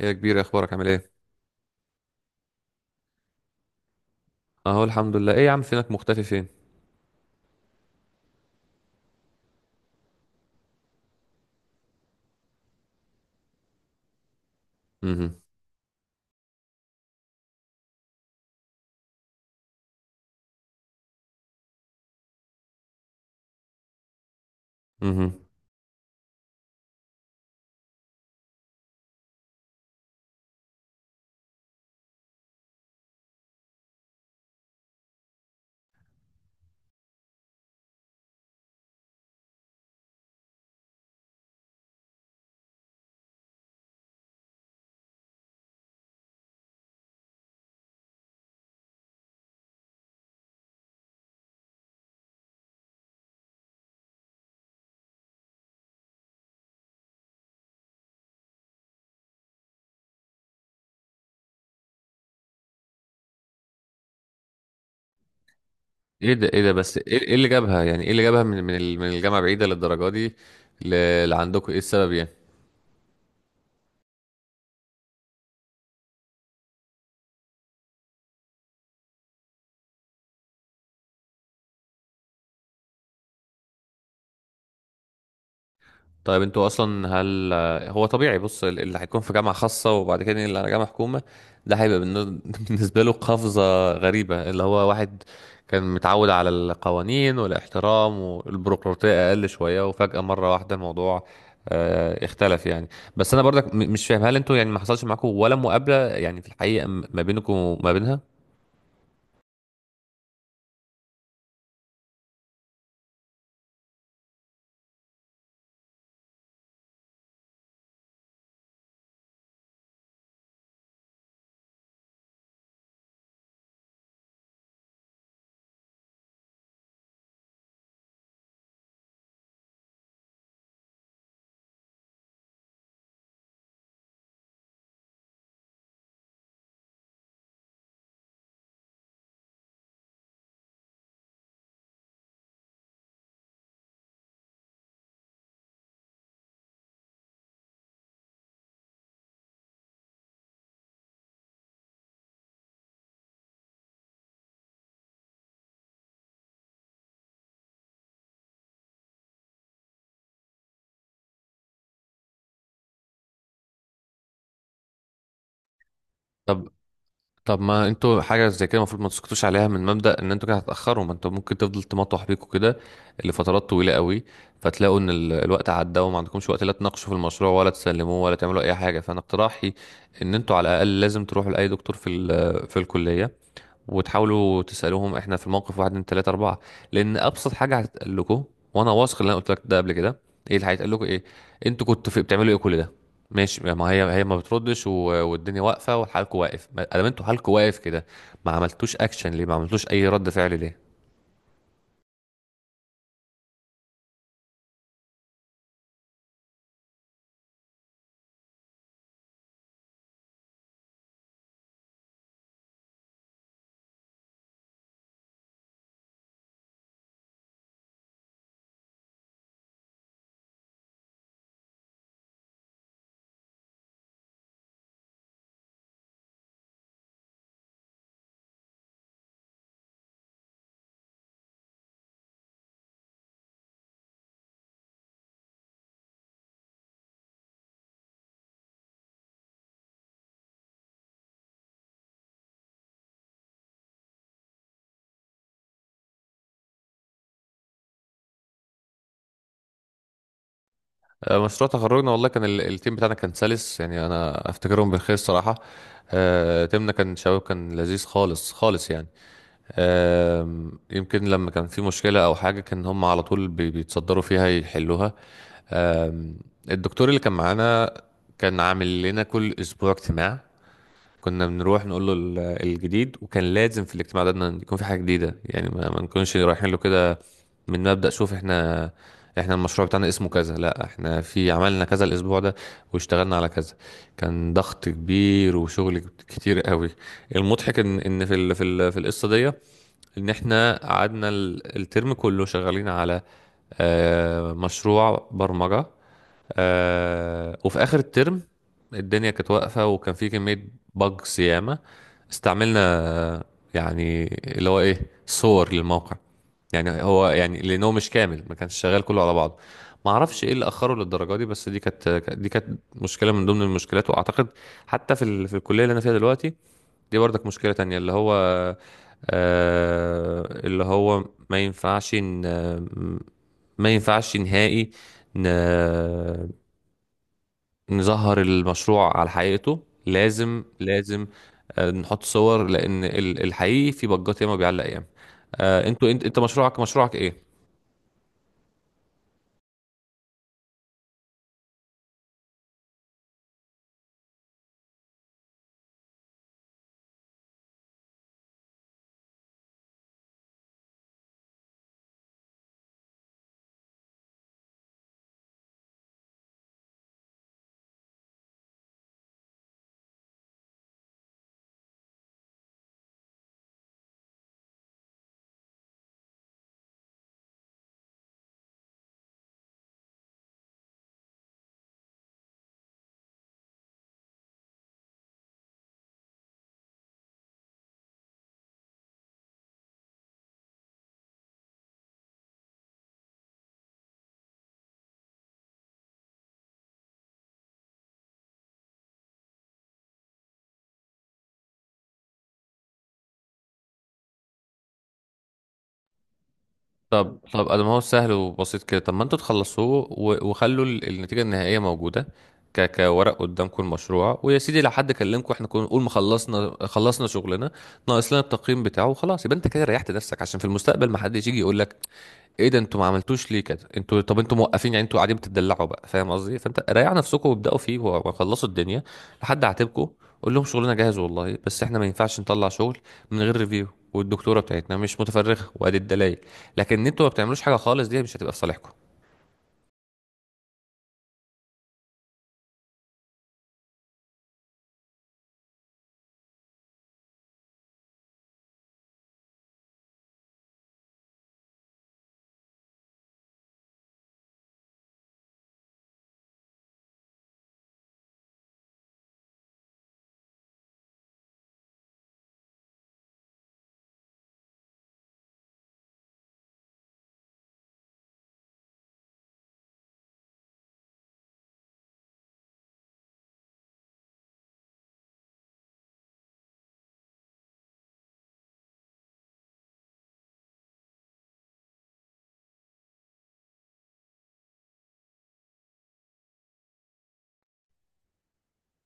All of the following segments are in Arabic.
ايه يا كبير، اخبارك؟ عامل ايه؟ اهو الحمد لله. ايه يا عم، فينك؟ مختفي فين؟ امم. امم. ايه ده؟ ايه ده؟ بس ايه، إيه اللي جابها، يعني ايه اللي جابها من الجامعه بعيده للدرجه دي؟ لعندكم ايه السبب يعني؟ طيب، انتوا اصلا هل هو طبيعي؟ بص، اللي هيكون في جامعه خاصه وبعد كده اللي على جامعه حكومه، ده هيبقى بالنسبه له قفزه غريبه، اللي هو واحد كان متعود على القوانين والاحترام والبيروقراطيه اقل شويه، وفجاه مره واحده الموضوع اختلف يعني. بس انا برضك مش فاهم، هل انتوا يعني ما حصلش معاكم ولا مقابله، يعني في الحقيقه ما بينكم وما بينها؟ طب، طب، ما انتوا حاجة زي كده المفروض ما تسكتوش عليها، من مبدأ ان انتوا كده هتأخروا، ما انتوا ممكن تفضل تمطوح بيكوا كده لفترات طويلة قوي. فتلاقوا ان الوقت عدى، وما عندكمش وقت لا تناقشوا في المشروع، ولا تسلموه، ولا تعملوا اي حاجة. فانا اقتراحي ان انتوا على الاقل لازم تروحوا لأي دكتور في الكلية، وتحاولوا تسألوهم احنا في الموقف، واحد اتنين تلاتة أربعة. لأن أبسط حاجة هتتقال لكم، وأنا واثق اللي أنا قلت لك ده قبل كده، إيه اللي هيتقال لكم؟ إيه أنتوا كنتوا في بتعملوا إيه كل ده؟ ماشي، ما هي ما بتردش والدنيا واقفة وحالكوا واقف. ما دام أنتوا حالكوا واقف كده، ما عملتوش أكشن ليه؟ ما عملتوش أي رد فعل ليه؟ مشروع تخرجنا والله كان التيم بتاعنا كان سلس، يعني أنا أفتكرهم بالخير الصراحة. تيمنا كان شباب، كان لذيذ خالص خالص يعني. يمكن لما كان في مشكلة أو حاجة كان هم على طول بيتصدروا فيها يحلوها. آم، الدكتور اللي كان معانا كان عامل لنا كل أسبوع اجتماع، كنا بنروح نقول له الجديد، وكان لازم في الاجتماع ده إن يكون في حاجة جديدة، يعني ما نكونش رايحين له كده من مبدأ. شوف، احنا المشروع بتاعنا اسمه كذا، لا احنا في عملنا كذا الأسبوع ده واشتغلنا على كذا. كان ضغط كبير وشغل كتير قوي. المضحك ان في القصة دي، ان احنا قعدنا الترم كله شغالين على مشروع برمجة. وفي اخر الترم الدنيا كانت واقفة، وكان في كمية بج ياما استعملنا. آه، يعني اللي هو ايه، صور للموقع، يعني هو يعني لانه مش كامل، ما كانش شغال كله على بعضه، ما اعرفش ايه اللي اخره للدرجه دي. بس دي كانت دي كانت مشكله من ضمن المشكلات. واعتقد حتى في الكليه اللي انا فيها دلوقتي دي برضك مشكلة تانية، اللي هو اللي هو ما ينفعش ن- ما ينفعش نهائي ن- نظهر المشروع على حقيقته، لازم لازم نحط صور، لأن الحقيقي في بجات ياما، بيعلق ياما. انت مشروعك مشروعك ايه؟ طب، طب، انا ما هو سهل وبسيط كده. طب، ما انتوا تخلصوه وخلوا النتيجه النهائيه موجوده، كورق قدامكم المشروع. ويا سيدي لو حد كلمكم احنا كنا نقول ما خلصنا، خلصنا شغلنا، ناقص لنا التقييم بتاعه وخلاص. يبقى انت كده ريحت نفسك، عشان في المستقبل ما حدش يجي يقول لك، ايه ده انتوا ما عملتوش ليه كده؟ انتوا طب انتوا موقفين؟ يعني انتوا قاعدين بتدلعوا بقى، فاهم قصدي؟ فانت ريحوا نفسكم وابداوا فيه وخلصوا الدنيا لحد عاتبكم. قول لهم شغلنا جاهز والله، بس احنا ما ينفعش نطلع شغل من غير ريفيو، والدكتوره بتاعتنا مش متفرغه، وادي الدلائل. لكن ان انتوا ما بتعملوش حاجه خالص، دي مش هتبقى في صالحكم.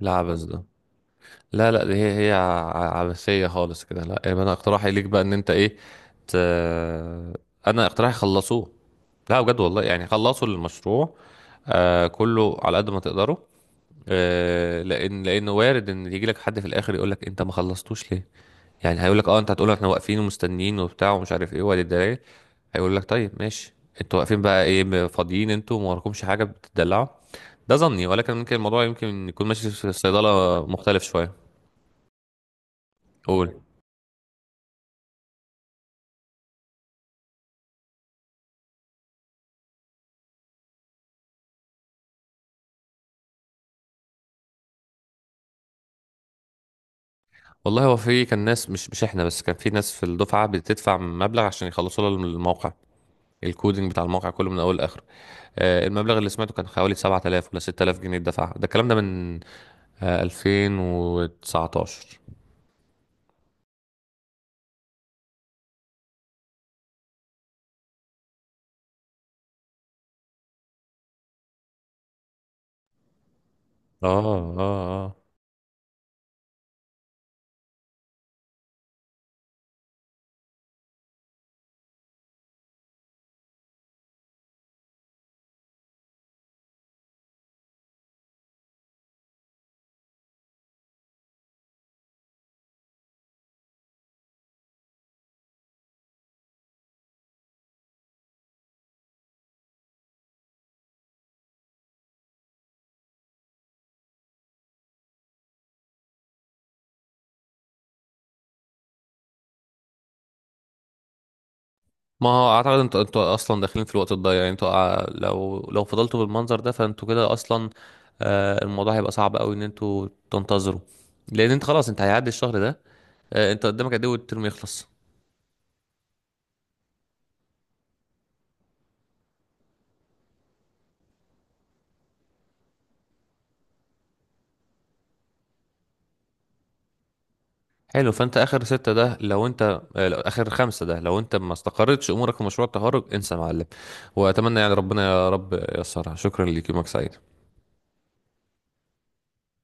لا، عبث ده. لا، لا، دي هي هي عبثيه خالص كده. لا، يبقى انا اقتراحي ليك بقى ان انت ايه ت... انا اقتراحي خلصوه. لا بجد والله، يعني خلصوا المشروع، كله على قد ما تقدروا. لانه وارد ان يجي لك حد في الاخر يقول لك انت ما خلصتوش ليه. يعني هيقول لك، اه انت هتقول احنا واقفين ومستنيين وبتاع ومش عارف ايه ولا الدرايه؟ هيقول لك، طيب ماشي، انتوا واقفين بقى ايه، فاضيين انتوا وما وراكمش حاجه بتدلعوا؟ ده ظني، ولكن ممكن الموضوع يمكن يكون ماشي في الصيدله مختلف شويه. قول. والله هو في كان ناس مش احنا بس، كان في ناس في الدفعه بتدفع مبلغ عشان يخلصوا لها الموقع، الكودينج بتاع الموقع كله من اول لاخره. المبلغ اللي سمعته كان حوالي 7000 ولا 6000 جنيه دفعها ده، الكلام ده من 2019. اه، اه، اه. ما هو اعتقد انتوا اصلا داخلين في الوقت الضايع، يعني انتوا لو لو فضلتوا بالمنظر ده فانتوا كده اصلا الموضوع هيبقى صعب قوي ان انتوا تنتظروا، لان انت خلاص، انت هيعدي الشهر ده. انت قدامك قد ايه والترم يخلص؟ حلو، فانت اخر ستة ده، لو انت لو اخر خمسة ده، لو انت ما استقرتش امورك في مشروع التخرج انسى يا معلم. واتمنى، يعني ربنا يا رب ييسرها. شكرا ليك، يومك سعيد.